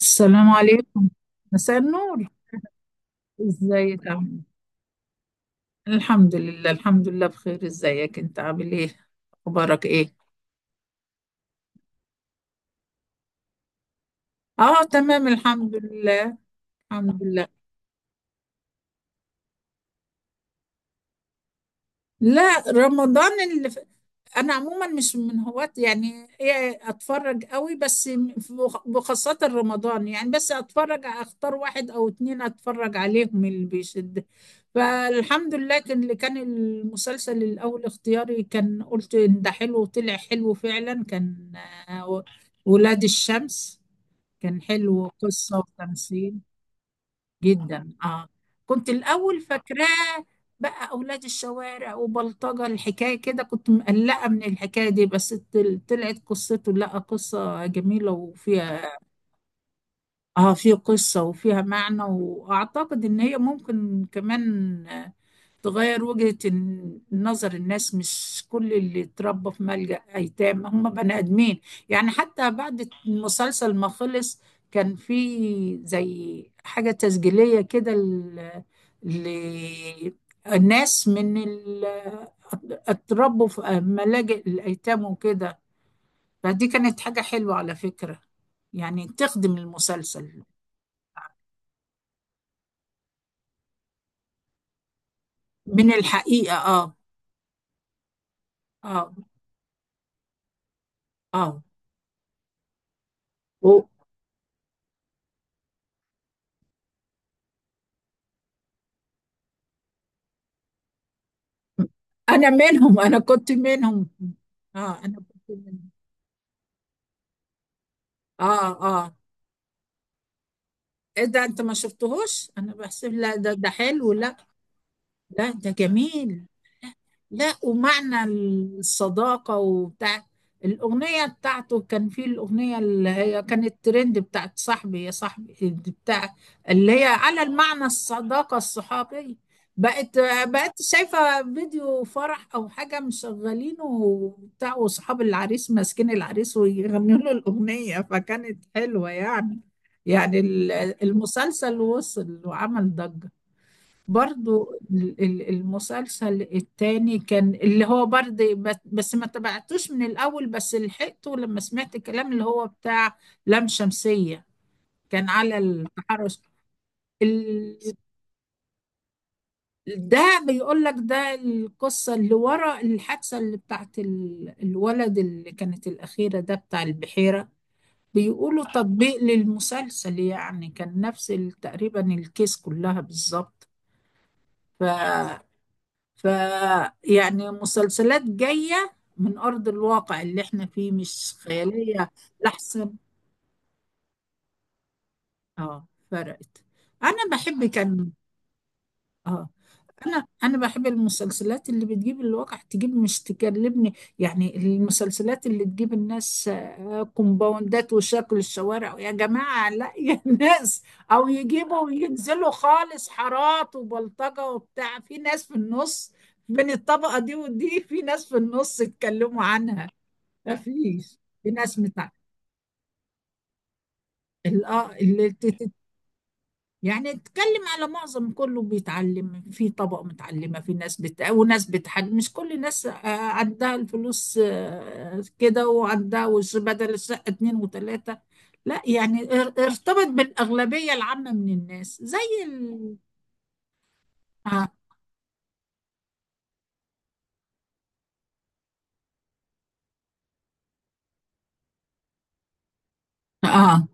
السلام عليكم. مساء النور. ازيك عامل إيه؟ الحمد لله، الحمد لله، بخير. ازيك انت عامل ايه؟ اخبارك ايه؟ اه، تمام الحمد لله. الحمد لله. لا، رمضان اللي انا عموما مش من هواة، يعني ايه، اتفرج قوي بس بخاصة رمضان يعني. بس اتفرج، اختار واحد او اتنين اتفرج عليهم اللي بيشد. فالحمد لله كان، اللي كان المسلسل الاول اختياري، كان قلت ان ده حلو وطلع حلو فعلا. كان آه، ولاد الشمس. كان حلو، قصة وتمثيل، جدا اه. كنت الاول فاكراه بقى اولاد الشوارع وبلطجه، الحكايه كده كنت مقلقه من الحكايه دي، بس طلعت قصته، لا قصه جميله وفيها. اه، في قصه وفيها معنى، واعتقد ان هي ممكن كمان تغير وجهة النظر، الناس مش كل اللي اتربى في ملجأ أيتام هم بني آدمين. يعني حتى بعد المسلسل ما خلص، كان في زي حاجة تسجيلية كده للناس اتربوا في ملاجئ الأيتام وكده. فدي كانت حاجة حلوة على فكرة، يعني تخدم المسلسل من الحقيقة. اه، اه، اه، و- انا منهم، انا كنت منهم. اه، انا بحسب اه، اه، ايه ده؟ انت ما شفتهوش؟ انا بحسب، لا، ده، ده حلو. لا، لا ده جميل. لا، ومعنى الصداقة وبتاع، الأغنية بتاعته، كان في الأغنية اللي هي كانت ترند، بتاعت صاحبي يا صاحبي دي، بتاع اللي هي على المعنى، الصداقة الصحابية. بقت بقت شايفة فيديو فرح أو حاجة مشغلينه وبتاع، وصحاب العريس ماسكين العريس ويغنوا له الأغنية، فكانت حلوة يعني. يعني ال- المسلسل وصل وعمل ضجة. برضو المسلسل التاني، كان اللي هو برضه، بس ما تبعتوش من الأول، بس لحقته لما سمعت الكلام اللي هو بتاع لام شمسية، كان على التحرش ال- ده. بيقول لك، ده القصة اللي ورا الحادثة اللي بتاعت الولد، اللي كانت الأخيرة ده بتاع البحيرة، بيقولوا تطبيق للمسلسل يعني. كان نفس تقريبا الكيس كلها بالظبط. ف ف يعني مسلسلات جاية من أرض الواقع اللي احنا فيه، مش خيالية. لحسن اه، فرقت. أنا بحب، كان اه، انا بحب المسلسلات اللي بتجيب الواقع، تجيب، مش تكلمني يعني المسلسلات اللي تجيب الناس كومباوندات وشكل الشوارع. يا جماعة لا، يا ناس، او يجيبوا وينزلوا خالص حارات وبلطجة وبتاع. في ناس في النص بين الطبقة دي ودي، في ناس في النص اتكلموا عنها. مفيش. في ناس بتاع اللي يعني اتكلم على معظم، كله بيتعلم في طبقة متعلمة. في وناس بتحج، مش كل الناس عندها الفلوس كده، وعندها وش بدل الشقة اتنين وتلاتة. لا يعني ارتبط بالأغلبية العامة من الناس زي آه. آه.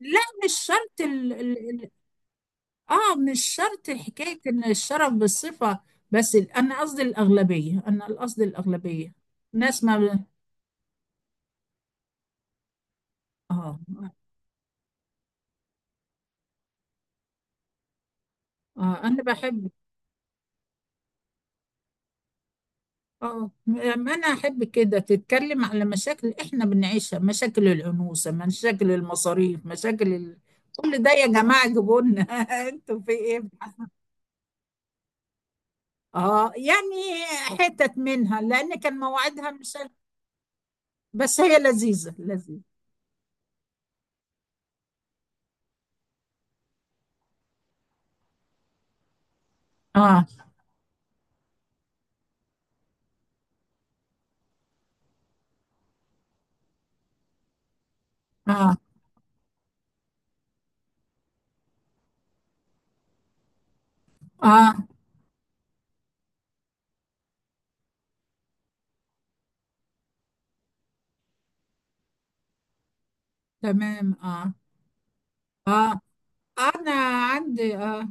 لا، مش شرط اه، مش شرط حكاية ان الشرف بالصفة. بس انا قصدي الأغلبية، انا قصدي الأغلبية، ناس ما، اه، آه. أنا بحب اه، ما انا احب كده، تتكلم على مشاكل احنا بنعيشها، مشاكل الانوثه، مشاكل المصاريف، كل ده يا جماعه جيبوا لنا. انتوا في ايه؟ اه يعني، حتت منها، لان كان مواعيدها مش، بس هي لذيذه لذيذه. اه، اه، اه، تمام، اه، اه، انا عندي اه.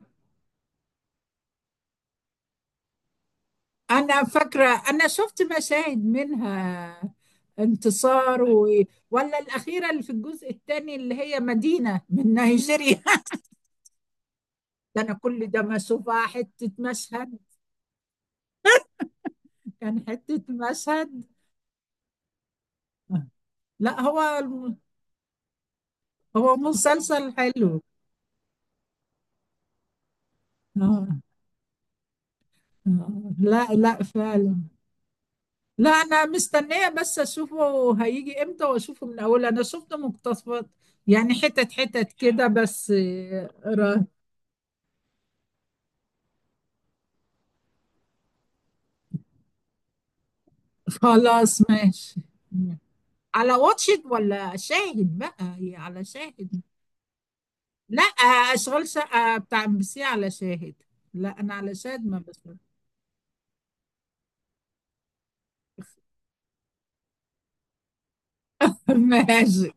أنا فاكرة، أنا شفت مشاهد منها، انتصار ولا الأخيرة، اللي في الجزء الثاني، اللي هي مدينة من نيجيريا. ده أنا كل ده ما أشوفها، حتة مشهد، كان حتة مشهد. لا هو هو مسلسل حلو آه، آه. لا، لا فعلا. لا، أنا مستنية بس أشوفه هيجي إمتى وأشوفه من أول. أنا شفت مقتطفات يعني، حتت حتت كده بس. آه، خلاص ماشي. على واتشد ولا شاهد بقى؟ هي على شاهد. لا، اشغال شقة بتاع ام بي سي على شاهد. لا، انا على شاهد، ما بس. ماشي،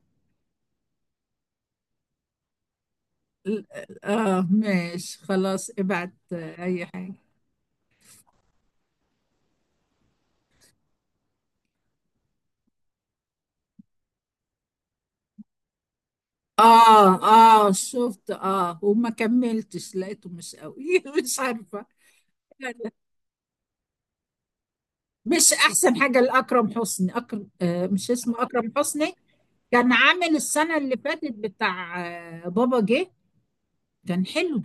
اه، ماشي خلاص، ابعت اي حاجة. اه، اه شفت، اه وما كملتش، لقيته مش قوي. مش عارفة. مش احسن حاجة لاكرم حسني. اكرم آه مش اسمه اكرم حسني؟ كان عامل السنة اللي فاتت بتاع بابا جه، كان حلو.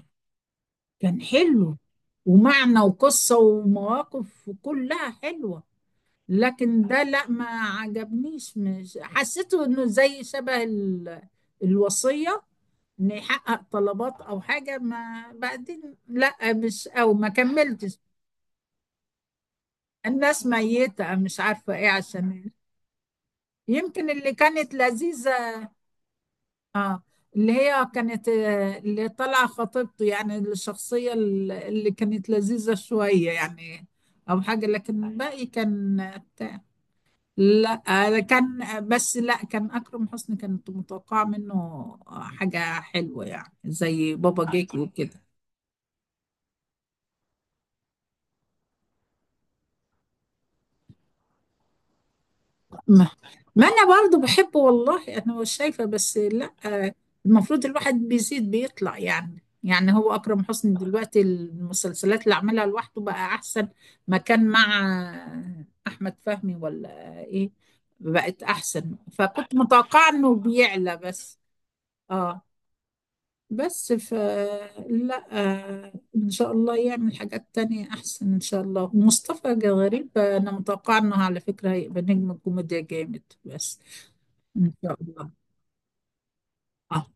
كان حلو، ومعنى وقصة ومواقف، كلها حلوة. لكن ده لا، ما عجبنيش، مش حسيته انه زي شبه الوصية، ان يحقق طلبات او حاجة، ما بعدين لا، مش، او ما كملتش. الناس ميتة، مش عارفة ايه. عشان يمكن اللي كانت لذيذة اه، اللي هي كانت اللي طالعه خطيبته يعني، الشخصيه اللي كانت لذيذه شويه يعني، او حاجه. لكن الباقي كان بتاع، لا كان بس، لا، كان اكرم حسني كانت متوقعه منه حاجه حلوه يعني، زي بابا جيك وكده. ما, ما انا برضو بحبه والله، انا مش شايفه بس. لا المفروض الواحد بيزيد بيطلع يعني. يعني هو اكرم حسني دلوقتي، المسلسلات اللي عملها لوحده بقى احسن ما كان مع احمد فهمي ولا ايه، بقت احسن، فكنت متوقعه انه بيعلى بس. اه، بس ف، لا ان شاء الله يعمل حاجات تانية احسن ان شاء الله. ومصطفى غريب انا متوقعه انه على فكره هيبقى نجم الكوميديا جامد بس، ما شاء الله. اه،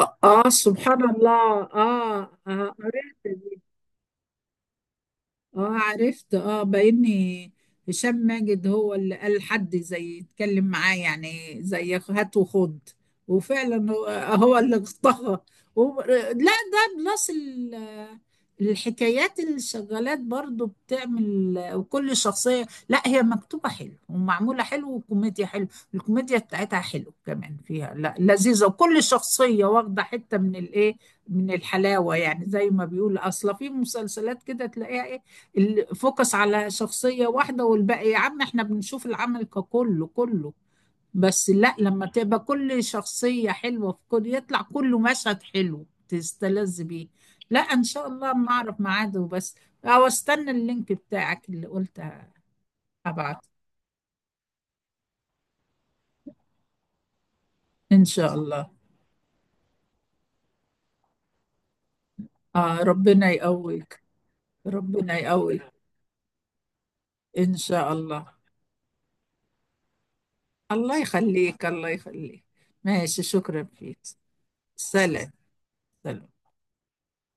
اه، سبحان الله. اه، قريت، اه، عرفت اه، بإني هشام ماجد هو اللي قال حد زي، يتكلم معاه، يعني زي هات وخد. وفعلا، هو اللي طغى و- لا ده بلس الحكايات اللي شغالات برضو بتعمل، وكل شخصية، لا هي مكتوبة حلو ومعمولة حلو وكوميديا حلو. الكوميديا بتاعتها حلو كمان، فيها لا لذيذة. وكل شخصية واخدة حتة من الايه، من الحلاوة. يعني زي ما بيقول، أصلا في مسلسلات كده تلاقيها الفوكس على شخصية واحدة، والباقي يا عم احنا بنشوف العمل ككله كله. بس لا، لما تبقى كل شخصية حلوة في كل، يطلع كله مشهد حلو تستلذ بيه. لا، ان شاء الله، ما اعرف ميعاده بس، او استنى اللينك بتاعك اللي قلت ابعت. ان شاء الله. ربنا يقويك، ربنا يقويك، ان شاء الله. الله يخليك، الله يخليك. ماشي، شكرا فيك. سلام. سلام.